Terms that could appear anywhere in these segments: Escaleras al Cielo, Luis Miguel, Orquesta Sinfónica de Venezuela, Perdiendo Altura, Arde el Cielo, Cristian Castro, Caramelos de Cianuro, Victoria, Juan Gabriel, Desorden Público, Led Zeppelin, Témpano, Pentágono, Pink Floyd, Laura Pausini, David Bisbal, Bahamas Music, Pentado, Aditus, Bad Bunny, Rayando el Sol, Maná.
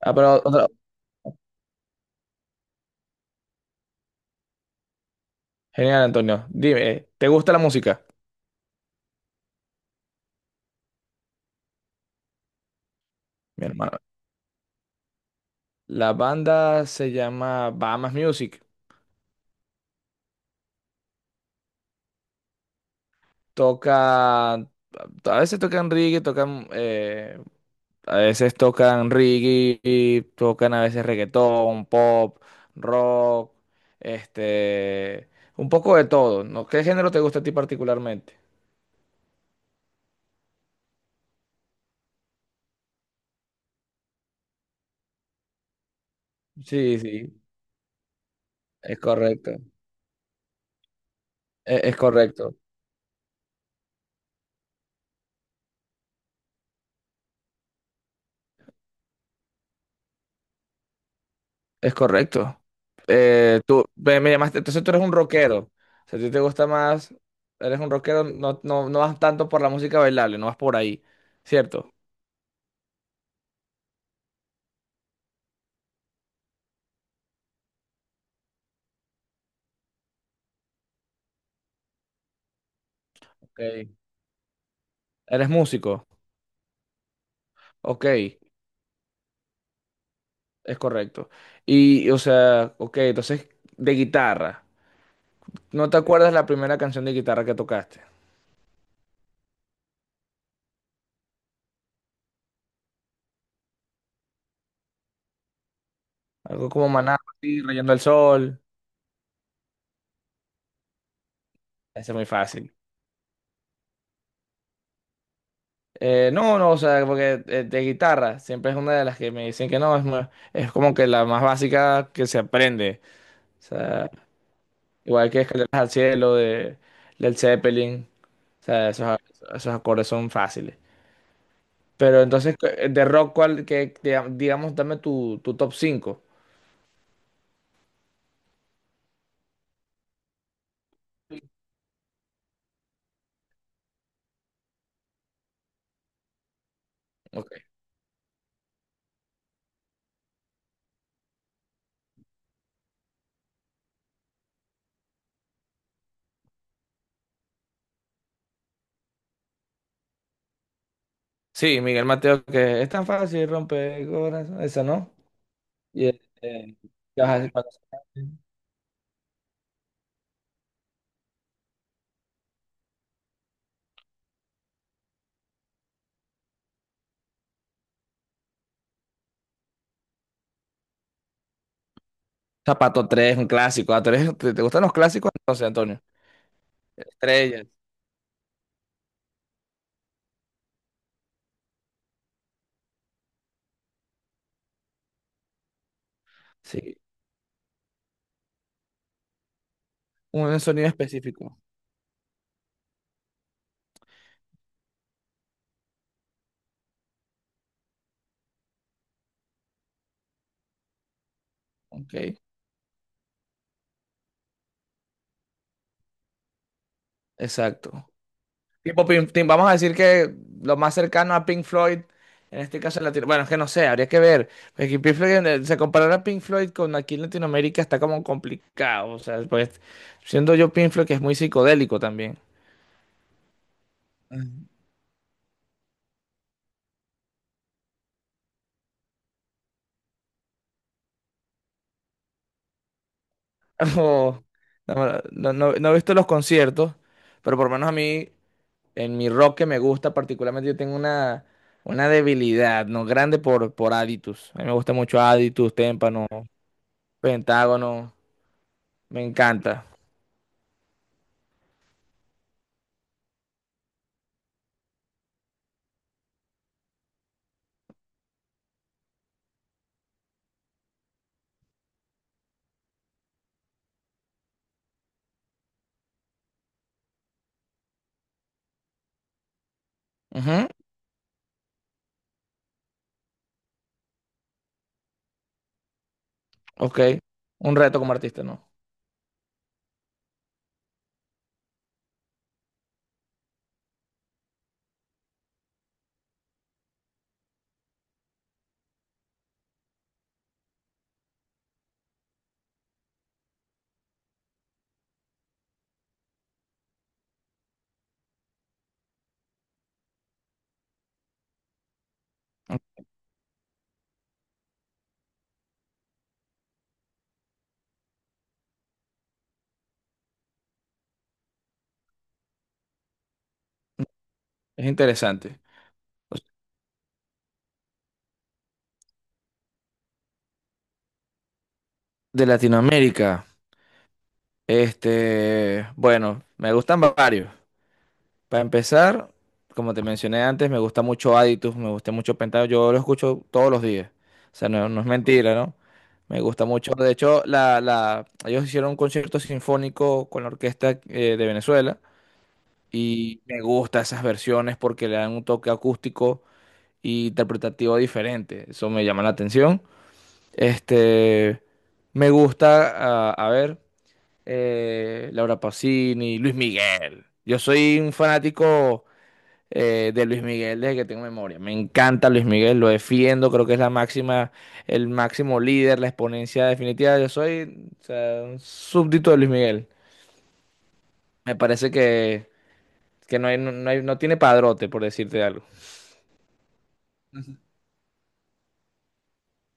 Ah, pero otra- Genial, Antonio. Dime, ¿te gusta la música? Mi hermano. La banda se llama Bahamas Music. Toca, a veces tocan reggae, tocan, a veces tocan reggae, tocan a veces reggaetón, pop, rock, este, un poco de todo, ¿no? ¿Qué género te gusta a ti particularmente? Sí, sí, es correcto. Es correcto. Es correcto. Tú ve, me llamaste, entonces tú eres un rockero. O sea, a ti te gusta más, eres un rockero, no, no, no vas tanto por la música bailable, no vas por ahí, ¿cierto? Ok. Eres músico, ok, es correcto. Y, o sea, ok, entonces de guitarra. ¿No te acuerdas la primera canción de guitarra que tocaste? Algo como Maná, así, Rayando el Sol. Ese es muy fácil. No, no, o sea, porque de guitarra siempre es una de las que me dicen que no, es, es como que la más básica que se aprende. O sea, igual que Escaleras al Cielo de Led Zeppelin, o sea, esos acordes son fáciles. Pero entonces, de rock, ¿cuál, que, digamos, dame tu top cinco. Ok. Sí, Miguel Mateo, que es tan fácil, romper corazón, esa, ¿no? Y, ¿qué vas a decir? Zapato tres, un clásico. Ah, ¿te, te gustan los clásicos? Entonces, Antonio. Estrella. Sí, un sonido específico. Ok, exacto. Tipo, vamos a decir que lo más cercano a Pink Floyd, en este caso en Latino, bueno, es que no sé, habría que ver. Porque Pink Floyd, se comparar a Pink Floyd con aquí en Latinoamérica está como complicado. O sea, pues, siendo yo Pink Floyd, que es muy psicodélico también. Mm. O- no, no he visto los conciertos, pero por lo menos a mí. En mi rock que me gusta particularmente, yo tengo una debilidad, ¿no? Grande por Aditus. A mí me gusta mucho Aditus, Témpano, Pentágono. Me encanta. Ujú, ok. Un reto como artista, ¿no? Es interesante. De Latinoamérica, este, bueno, me gustan varios. Para empezar, como te mencioné antes, me gusta mucho Aditus, me gusta mucho Pentado, yo lo escucho todos los días. O sea, no, no es mentira, ¿no? Me gusta mucho. De hecho, ellos hicieron un concierto sinfónico con la orquesta de Venezuela y me gusta esas versiones porque le dan un toque acústico e interpretativo diferente. Eso me llama la atención. Este, me gusta, a ver, Laura Pausini, Luis Miguel. Yo soy un fanático de Luis Miguel desde que tengo memoria. Me encanta Luis Miguel, lo defiendo, creo que es la máxima, el máximo líder, la exponencia definitiva. Yo soy, o sea, un súbdito de Luis Miguel. Me parece que no hay, no hay- no tiene padrote, por decirte algo.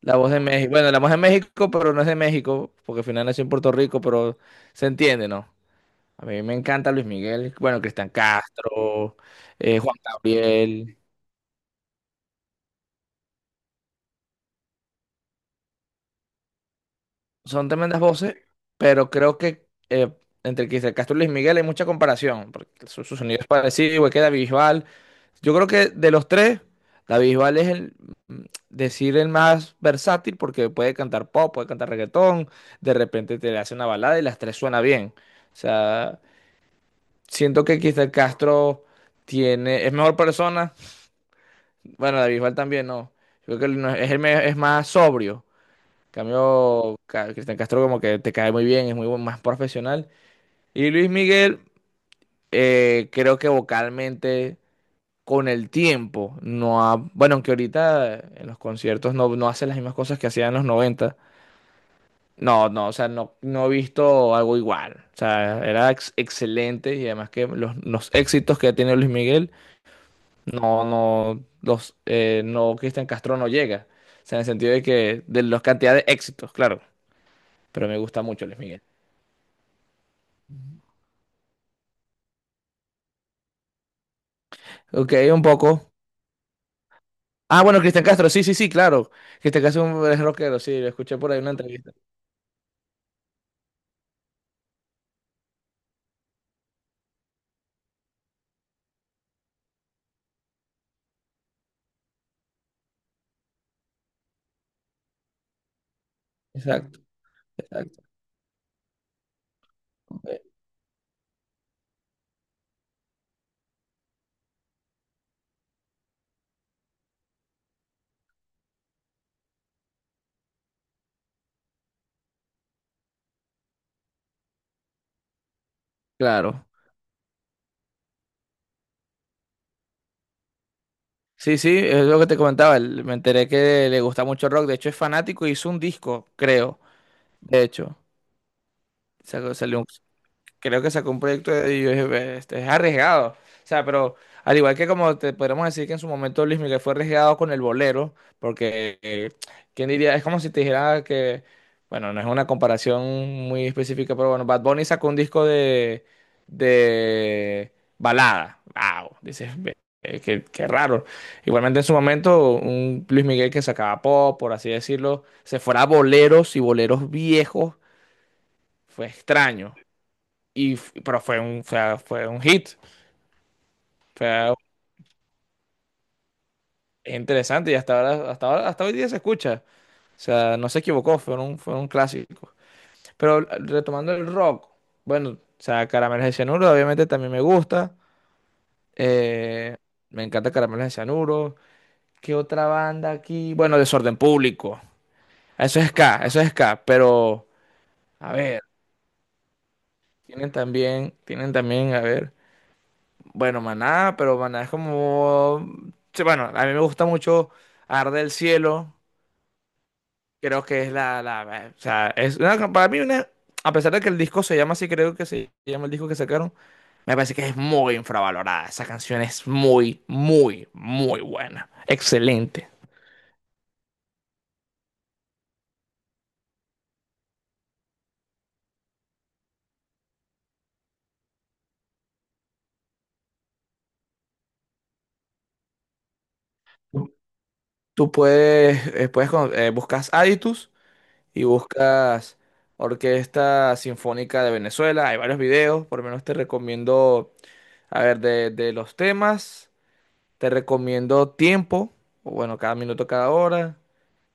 La voz de México, bueno, la voz de México, pero no es de México, porque al final nació en Puerto Rico, pero se entiende, ¿no? A mí me encanta Luis Miguel, bueno, Cristian Castro, Juan Gabriel. Son tremendas voces, pero creo que entre Cristian Castro y Luis Miguel hay mucha comparación, porque su sonido es parecido, igual que David Bisbal. Yo creo que de los tres, David Bisbal es mm, decir, el más versátil, porque puede cantar pop, puede cantar reggaetón, de repente te le hace una balada y las tres suena bien. O sea, siento que Cristian Castro tiene, es mejor persona, bueno, David Bisbal también, no. Yo creo que es, es más sobrio cambio, Cristian Castro como que te cae muy bien, es más profesional. Y Luis Miguel, creo que vocalmente con el tiempo no ha, bueno, aunque ahorita en los conciertos no, no hace las mismas cosas que hacía en los noventa. No, no, o sea, no, no he visto algo igual. O sea, era excelente y además que los éxitos que ha tenido Luis Miguel, no, no, no, Cristian Castro no llega. O sea, en el sentido de que de la cantidad de éxitos, claro. Pero me gusta mucho Luis Miguel. Ok, un poco. Ah, bueno, Cristian Castro, sí, sí, sí, claro. Cristian Castro es rockero, sí, lo escuché por ahí en una entrevista. Exacto, exacto. Eh, claro. Sí, sí, es lo que te comentaba. Me enteré que le gusta mucho el rock. De hecho, es fanático y hizo un disco, creo. De hecho, salió, creo que sacó un proyecto de y yo dije, este es arriesgado. O sea, pero al igual que como te podríamos decir que en su momento Luis Miguel fue arriesgado con el bolero, porque quién diría, es como si te dijera que, bueno, no es una comparación muy específica, pero bueno, Bad Bunny sacó un disco de balada. Wow, dices, ve, qué, qué raro. Igualmente en su momento, un Luis Miguel que sacaba pop, por así decirlo, se fuera a boleros y boleros viejos, fue extraño. Y, pero fue un, fue, fue un hit, fue algo interesante y hasta ahora, hasta ahora, hasta hoy día se escucha. O sea, no se equivocó, fue un clásico. Pero retomando el rock, bueno, o sea, Caramelos de Cianuro obviamente también me gusta. Eh, me encanta Caramelos de Cianuro. ¿Qué otra banda aquí? Bueno, Desorden Público. Eso es ska, pero a ver, tienen también, a ver. Bueno, Maná, pero Maná es como... sí, bueno, a mí me gusta mucho Arde el Cielo. Creo que es la... o sea, es una- para mí una... A pesar de que el disco se llama así, creo que se llama el disco que sacaron, me parece que es muy infravalorada. Esa canción es muy, muy, muy buena. Excelente. Tú puedes, puedes buscas Aditus y buscas Orquesta Sinfónica de Venezuela. Hay varios videos, por lo menos te recomiendo. A ver, de los temas, te recomiendo tiempo, o bueno, cada minuto, cada hora.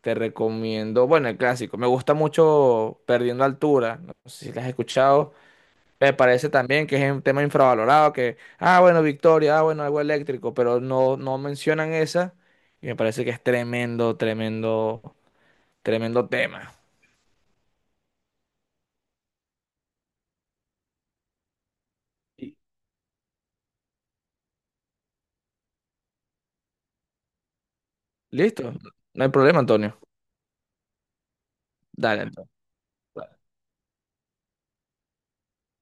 Te recomiendo, bueno, el clásico. Me gusta mucho Perdiendo Altura. No sé si la has escuchado. Me parece también que es un tema infravalorado, que, ah, bueno, Victoria, ah, bueno, algo eléctrico, pero no, no mencionan esa. Y me parece que es tremendo, tremendo, tremendo tema. Y- Listo. No hay problema, Antonio. Dale, entonces.